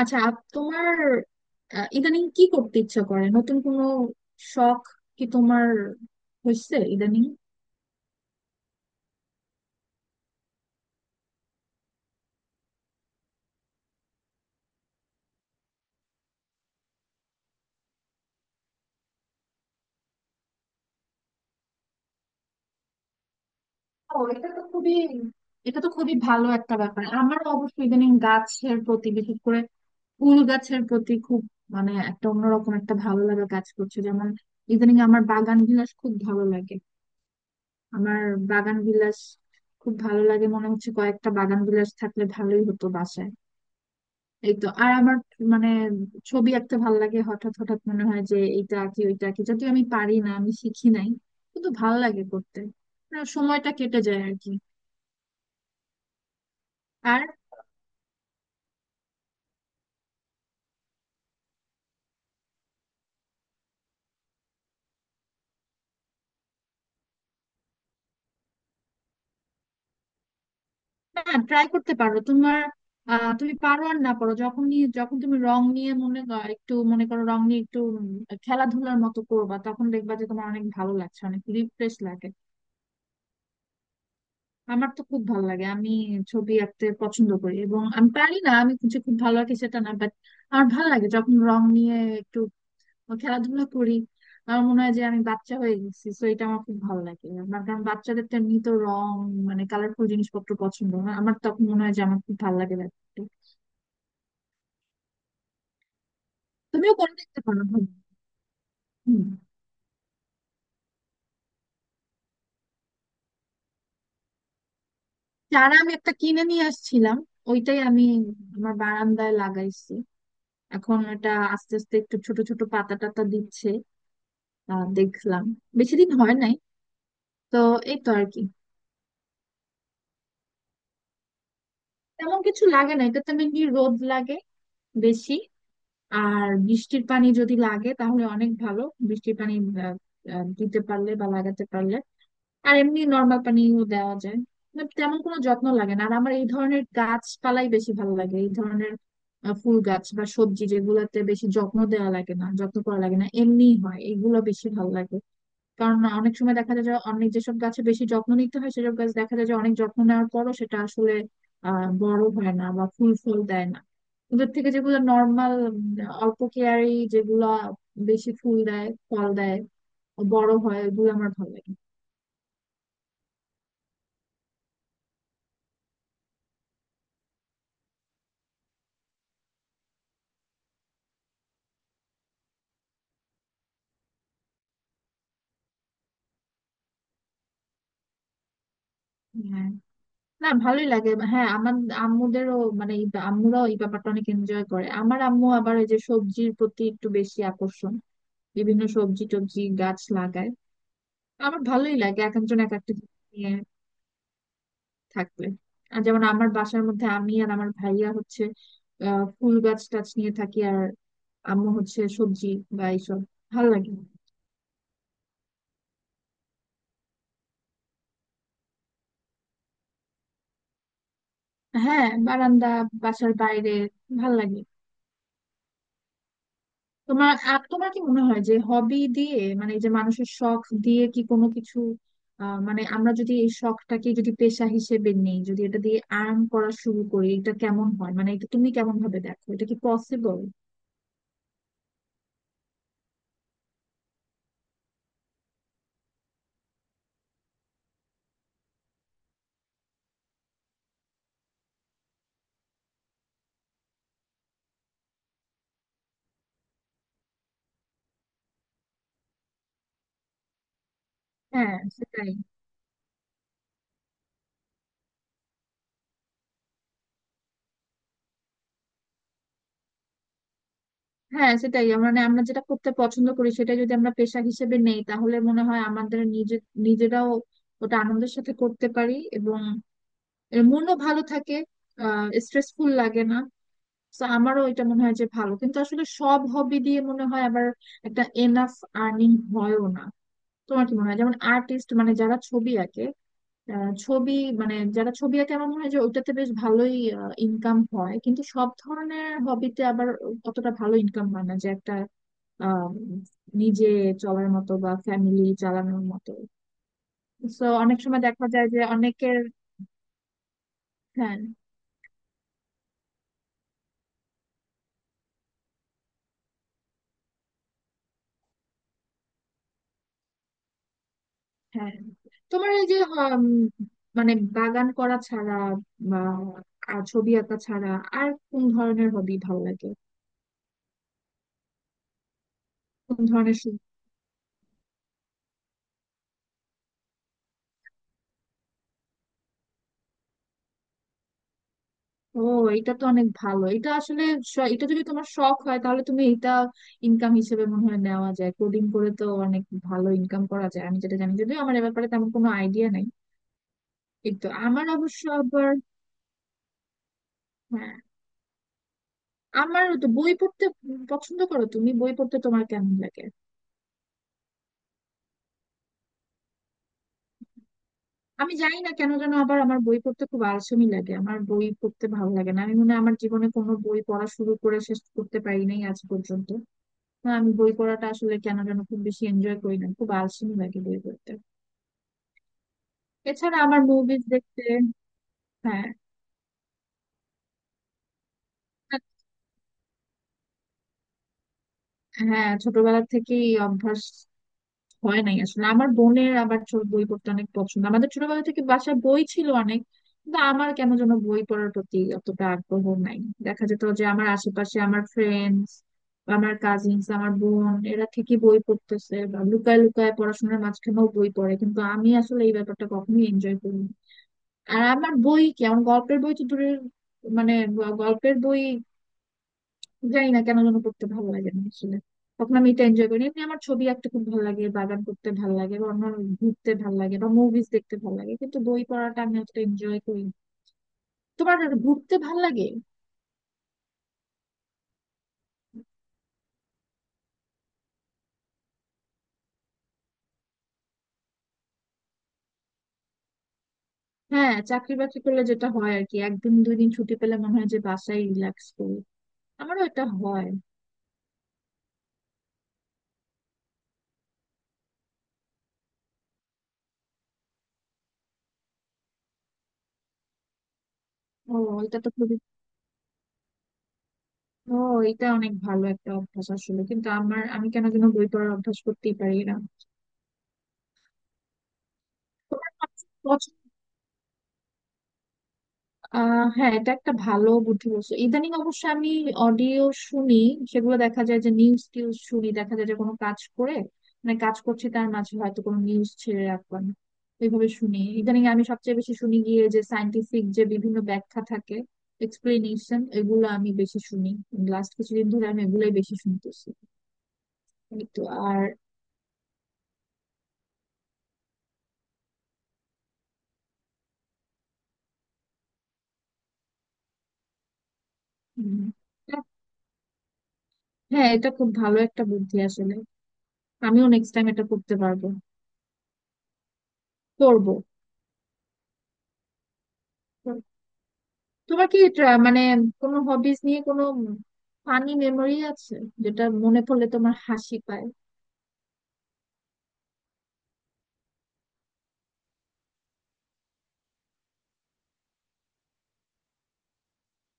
আচ্ছা তোমার ইদানিং কি করতে ইচ্ছা করে নতুন কোনো শখ কি তোমার হয়েছে ইদানিং? ও, এটা তো খুবই, এটা তো খুবই ভালো একটা ব্যাপার। আমার অবশ্য ইদানিং গাছের প্রতি, বিশেষ করে ফুল গাছের প্রতি খুব, মানে একটা অন্যরকম একটা ভালো লাগা কাজ করছে। যেমন ইদানিং আমার বাগান বিলাস খুব ভালো লাগে। আমার বাগান বিলাস খুব ভালো লাগে, মনে হচ্ছে কয়েকটা বাগান বিলাস থাকলে ভালোই হতো বাসায়। এই তো, আর আমার মানে ছবি আঁকতে ভাল লাগে। হঠাৎ হঠাৎ মনে হয় যে এইটা কি ওইটা কি, যদিও আমি পারি না, আমি শিখি নাই, কিন্তু ভাল লাগে করতে। না, সময়টা কেটে যায় আর কি। আর না, ট্রাই করতে পারো তোমার। তুমি পারো আর না পারো, যখন যখন তুমি রং নিয়ে মনে একটু মনে করো রং নিয়ে একটু খেলাধুলার মতো করবা, তখন দেখবা যে তোমার অনেক ভালো লাগছে, অনেক রিফ্রেশ লাগে। আমার তো খুব ভালো লাগে, আমি ছবি আঁকতে পছন্দ করি এবং আমি পারি না, আমি যে খুব ভালো আঁকি সেটা না, বাট আমার ভালো লাগে যখন রং নিয়ে একটু খেলাধুলা করি। আমার মনে হয় যে আমি বাচ্চা হয়ে গেছি, তো এটা আমার খুব ভালো লাগে আমার। কারণ বাচ্চাদের তো এমনি তো রং মানে কালারফুল জিনিসপত্র পছন্দ, না আমার তখন মনে হয় যে আমার খুব ভালো লাগে ব্যাপারটা। তুমিও করে দেখতে পারো। হুম। হুম। চারা আমি একটা কিনে নিয়ে আসছিলাম, ওইটাই আমি আমার বারান্দায় লাগাইছি। এখন এটা আস্তে আস্তে একটু ছোট ছোট পাতা টাতা দিচ্ছে। দেখলাম বেশি দিন হয় নাই, তো এই তো আর কি। তেমন কিছু লাগে না, এটাতে মেনলি রোদ লাগে বেশি। আর বৃষ্টির পানি যদি লাগে তাহলে অনেক ভালো। বৃষ্টির পানি আহ, আহ, দিতে পারলে বা লাগাতে পারলে। আর এমনি নর্মাল পানিও দেওয়া যায়। But তেমন কোনো যত্ন লাগে না। আর আমার এই ধরনের গাছপালাই বেশি ভালো লাগে, এই ধরনের ফুল গাছ বা সবজি যেগুলোতে বেশি যত্ন দেওয়া লাগে না, যত্ন করা লাগে না, এমনি হয়, এগুলো বেশি ভালো লাগে। কারণ অনেক সময় দেখা যায় যে অনেক যেসব গাছে বেশি যত্ন নিতে হয় সেসব গাছ দেখা যায় যে অনেক যত্ন নেওয়ার পরও সেটা আসলে বড় হয় না বা ফুল ফল দেয় না। ওদের থেকে যেগুলো নর্মাল, অল্প কেয়ারি যেগুলো, বেশি ফুল দেয় ফল দেয়, বড় হয়, ওগুলো আমার ভালো লাগে। হ্যাঁ, না ভালোই লাগে। হ্যাঁ আমার আম্মুদেরও মানে এই আম্মুরাও এই ব্যাপারটা অনেক এনজয় করে। আমার আম্মু আবার ওই যে সবজির প্রতি একটু বেশি আকর্ষণ, বিভিন্ন সবজি টবজি গাছ লাগায়। আমার ভালোই লাগে এক একজন এক একটা জিনিস নিয়ে থাকবে। আর যেমন আমার বাসার মধ্যে আমি আর আমার ভাইয়া হচ্ছে ফুল গাছ টাছ নিয়ে থাকি, আর আম্মু হচ্ছে সবজি বা এইসব। ভাল লাগে। হ্যাঁ, বারান্দা, বাসার বাইরে। ভাল লাগে। তোমার তোমার কি মনে হয় যে হবি দিয়ে মানে এই যে মানুষের শখ দিয়ে কি কোনো কিছু মানে আমরা যদি এই শখটাকে যদি পেশা হিসেবে নেই, যদি এটা দিয়ে আর্ন করা শুরু করি, এটা কেমন হয়? মানে এটা তুমি কেমন ভাবে দেখো? এটা কি পসিবল? হ্যাঁ সেটাই। হ্যাঁ সেটাই, মানে আমরা যেটা করতে পছন্দ করি সেটা যদি আমরা পেশা হিসেবে নেই তাহলে মনে হয় আমাদের নিজে, নিজেরাও ওটা আনন্দের সাথে করতে পারি, এবং এর মনও ভালো থাকে, স্ট্রেসফুল লাগে না। তো আমারও এটা মনে হয় যে ভালো, কিন্তু আসলে সব হবি দিয়ে মনে হয় আবার একটা এনাফ আর্নিং হয়ও না। তোমার কি মনে হয়, যেমন আর্টিস্ট মানে যারা ছবি আঁকে, আহ, ছবি মানে যারা ছবি আঁকে আমার মনে হয় যে ওটাতে বেশ ভালোই ইনকাম হয়, কিন্তু সব ধরনের হবিতে আবার অতটা ভালো ইনকাম হয় না যে একটা আম, নিজে চলার মতো বা ফ্যামিলি চালানোর মতো। তো অনেক সময় দেখা যায় যে অনেকের, হ্যাঁ। হ্যাঁ। তোমার এই যে মানে বাগান করা ছাড়া বা আর ছবি আঁকা ছাড়া আর কোন ধরনের হবি ভালো লাগে? কোন ধরনের ও, এটা তো অনেক ভালো, এটা আসলে এটা যদি তোমার শখ হয় তাহলে তুমি এটা ইনকাম হিসেবে মনে হয় নেওয়া যায়। কোডিং করে তো অনেক ভালো ইনকাম করা যায়, আমি যেটা জানি, যদিও আমার এ ব্যাপারে তেমন কোনো আইডিয়া নাই। কিন্তু আমার অবশ্য আবার, হ্যাঁ। আমার তো বই পড়তে পছন্দ করো? তুমি বই পড়তে তোমার কেমন লাগে? আমি জানি না কেন যেন আবার আমার বই পড়তে খুব আলসেমি লাগে, আমার বই পড়তে ভালো লাগে না। আমি মনে হয় আমার জীবনে কোনো বই পড়া শুরু করে শেষ করতে পারি নাই আজ পর্যন্ত। না, আমি বই পড়াটা আসলে কেন যেন খুব বেশি এনজয় করি না, খুব আলসেমি লাগে বই পড়তে। এছাড়া আমার মুভিজ দেখতে, হ্যাঁ। হ্যাঁ, ছোটবেলা থেকেই অভ্যাস হয় নাই আসলে। আমার বোনের আবার ছোট বই পড়তে অনেক পছন্দ, আমাদের ছোটবেলা থেকে বাসায় বই ছিল অনেক, কিন্তু আমার কেন যেন বই পড়ার প্রতি অতটা আগ্রহ নাই। দেখা যেত যে আমার আশেপাশে আমার ফ্রেন্ডস, আমার কাজিনস, আমার বোন এরা ঠিকই বই পড়তেছে বা লুকায় লুকায় পড়াশোনার মাঝখানেও বই পড়ে, কিন্তু আমি আসলে এই ব্যাপারটা কখনোই এনজয় করিনি। আর আমার বই কি, আমার গল্পের বই তো দূরের, মানে গল্পের বই, জানি না কেন যেন করতে ভালো লাগে না আসলে। তখন আমি এটা এনজয় করি এমনি, আমার ছবি আঁকতে খুব ভালো লাগে, বাগান করতে ভালো লাগে বা অন্য ঘুরতে ভালো লাগে বা মুভিজ দেখতে ভালো লাগে, কিন্তু বই পড়াটা আমি অতটা এনজয় করি না। তোমার ঘুরতে ভালো লাগে? হ্যাঁ, চাকরি বাকরি করলে যেটা হয় আর কি, একদিন দুই দিন ছুটি পেলে মনে হয় যে বাসায় রিল্যাক্স করি। আমারও এটা হয়। ও, এটা তো খুবই, ও, এটা অনেক ভালো একটা অভ্যাস আসলে, কিন্তু আমার আমি কেন যেন বই পড়ার অভ্যাস করতেই পারি না। তোমার হ্যাঁ, এটা একটা ভালো বুদ্ধি বলছো। ইদানিং অবশ্য আমি অডিও শুনি, সেগুলো দেখা যায় যে নিউজ টিউজ শুনি, দেখা যায় যে কোনো কাজ করে মানে কাজ করছি তার মাঝে হয়তো কোনো নিউজ ছেড়ে রাখলাম, এইভাবে শুনি। ইদানিং আমি সবচেয়ে বেশি শুনি গিয়ে যে সায়েন্টিফিক যে বিভিন্ন ব্যাখ্যা থাকে, এক্সপ্লেনেশন, এগুলো আমি বেশি শুনি। লাস্ট কিছুদিন ধরে আমি এগুলোই বেশি শুনতেছি, এই তো। আর উম, হ্যাঁ, এটা খুব ভালো একটা বুদ্ধি আসলে, আমিও নেক্সট টাইম এটা করতে পারবো, করবো। তোমার কি মানে কোনো হবিস নিয়ে কোনো ফানি মেমোরি আছে যেটা মনে পড়লে তোমার হাসি পায়?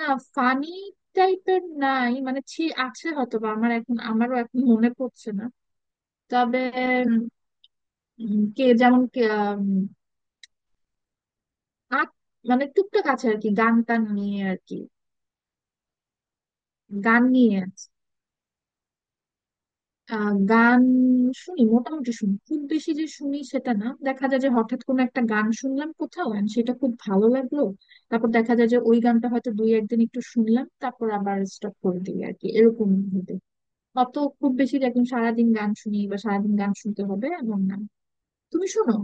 না, ফানি টাইপের নাই, মানে ছি আছে হয়তো বা, আমার এখন, আমারও এখন মনে পড়ছে না। তবে উম, কে যেমন কে, উম, আ- মানে টুকটাক আছে আর কি গান টান নিয়ে আর কি। গান নিয়ে আছে। গান শুনি, মোটামুটি শুনি, খুব বেশি যে শুনি সেটা না। দেখা যায় যে হঠাৎ কোনো একটা গান শুনলাম কোথাও and সেটা খুব ভালো লাগলো, তারপর দেখা যায় যে ওই গানটা হয়তো দুই একদিন একটু শুনলাম, তারপর আবার স্টপ করে দিই আর কি, এরকম হতে। অত খুব বেশি যে একদম সারাদিন গান শুনি বা সারাদিন গান শুনতে হবে এমন না। তুমি শোনো?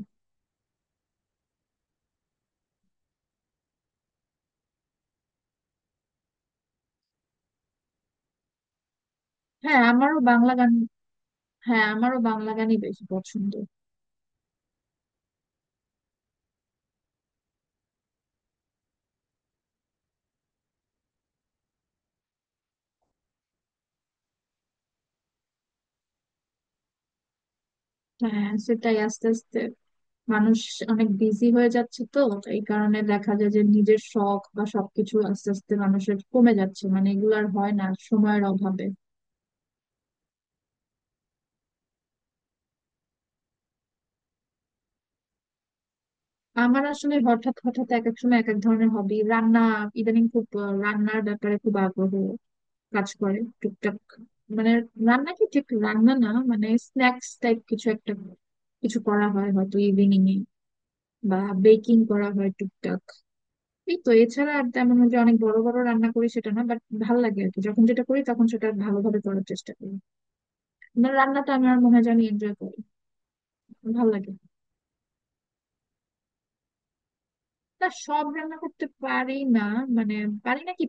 হ্যাঁ আমারও বাংলা গান, হ্যাঁ আমারও বাংলা গানই বেশি পছন্দ। হ্যাঁ সেটাই, আস্তে আস্তে মানুষ অনেক বিজি হয়ে যাচ্ছে তো, এই কারণে দেখা যায় যে নিজের শখ বা সবকিছু আস্তে আস্তে মানুষের কমে যাচ্ছে, মানে এগুলো আর হয় না সময়ের অভাবে। আমার আসলে হঠাৎ হঠাৎ এক এক সময় এক এক ধরনের হবি, রান্না, ইদানিং খুব রান্নার ব্যাপারে খুব আগ্রহ কাজ করে টুকটাক। মানে রান্না কি, ঠিক রান্না না, মানে স্ন্যাক্স টাইপ কিছু একটা, কিছু করা হয় হয়তো ইভিনিং এ, বা বেকিং করা হয় টুকটাক। এই তো, এছাড়া আর তেমন যে অনেক বড় বড় রান্না করি সেটা না, বাট ভাল লাগে আর কি, যখন যেটা করি তখন সেটা ভালোভাবে করার চেষ্টা করি। মানে রান্নাটা আমার মনে হয় যে আমি এনজয় করি, ভাল লাগে। না, সব রান্না করতে পারি না, মানে পারি না কি।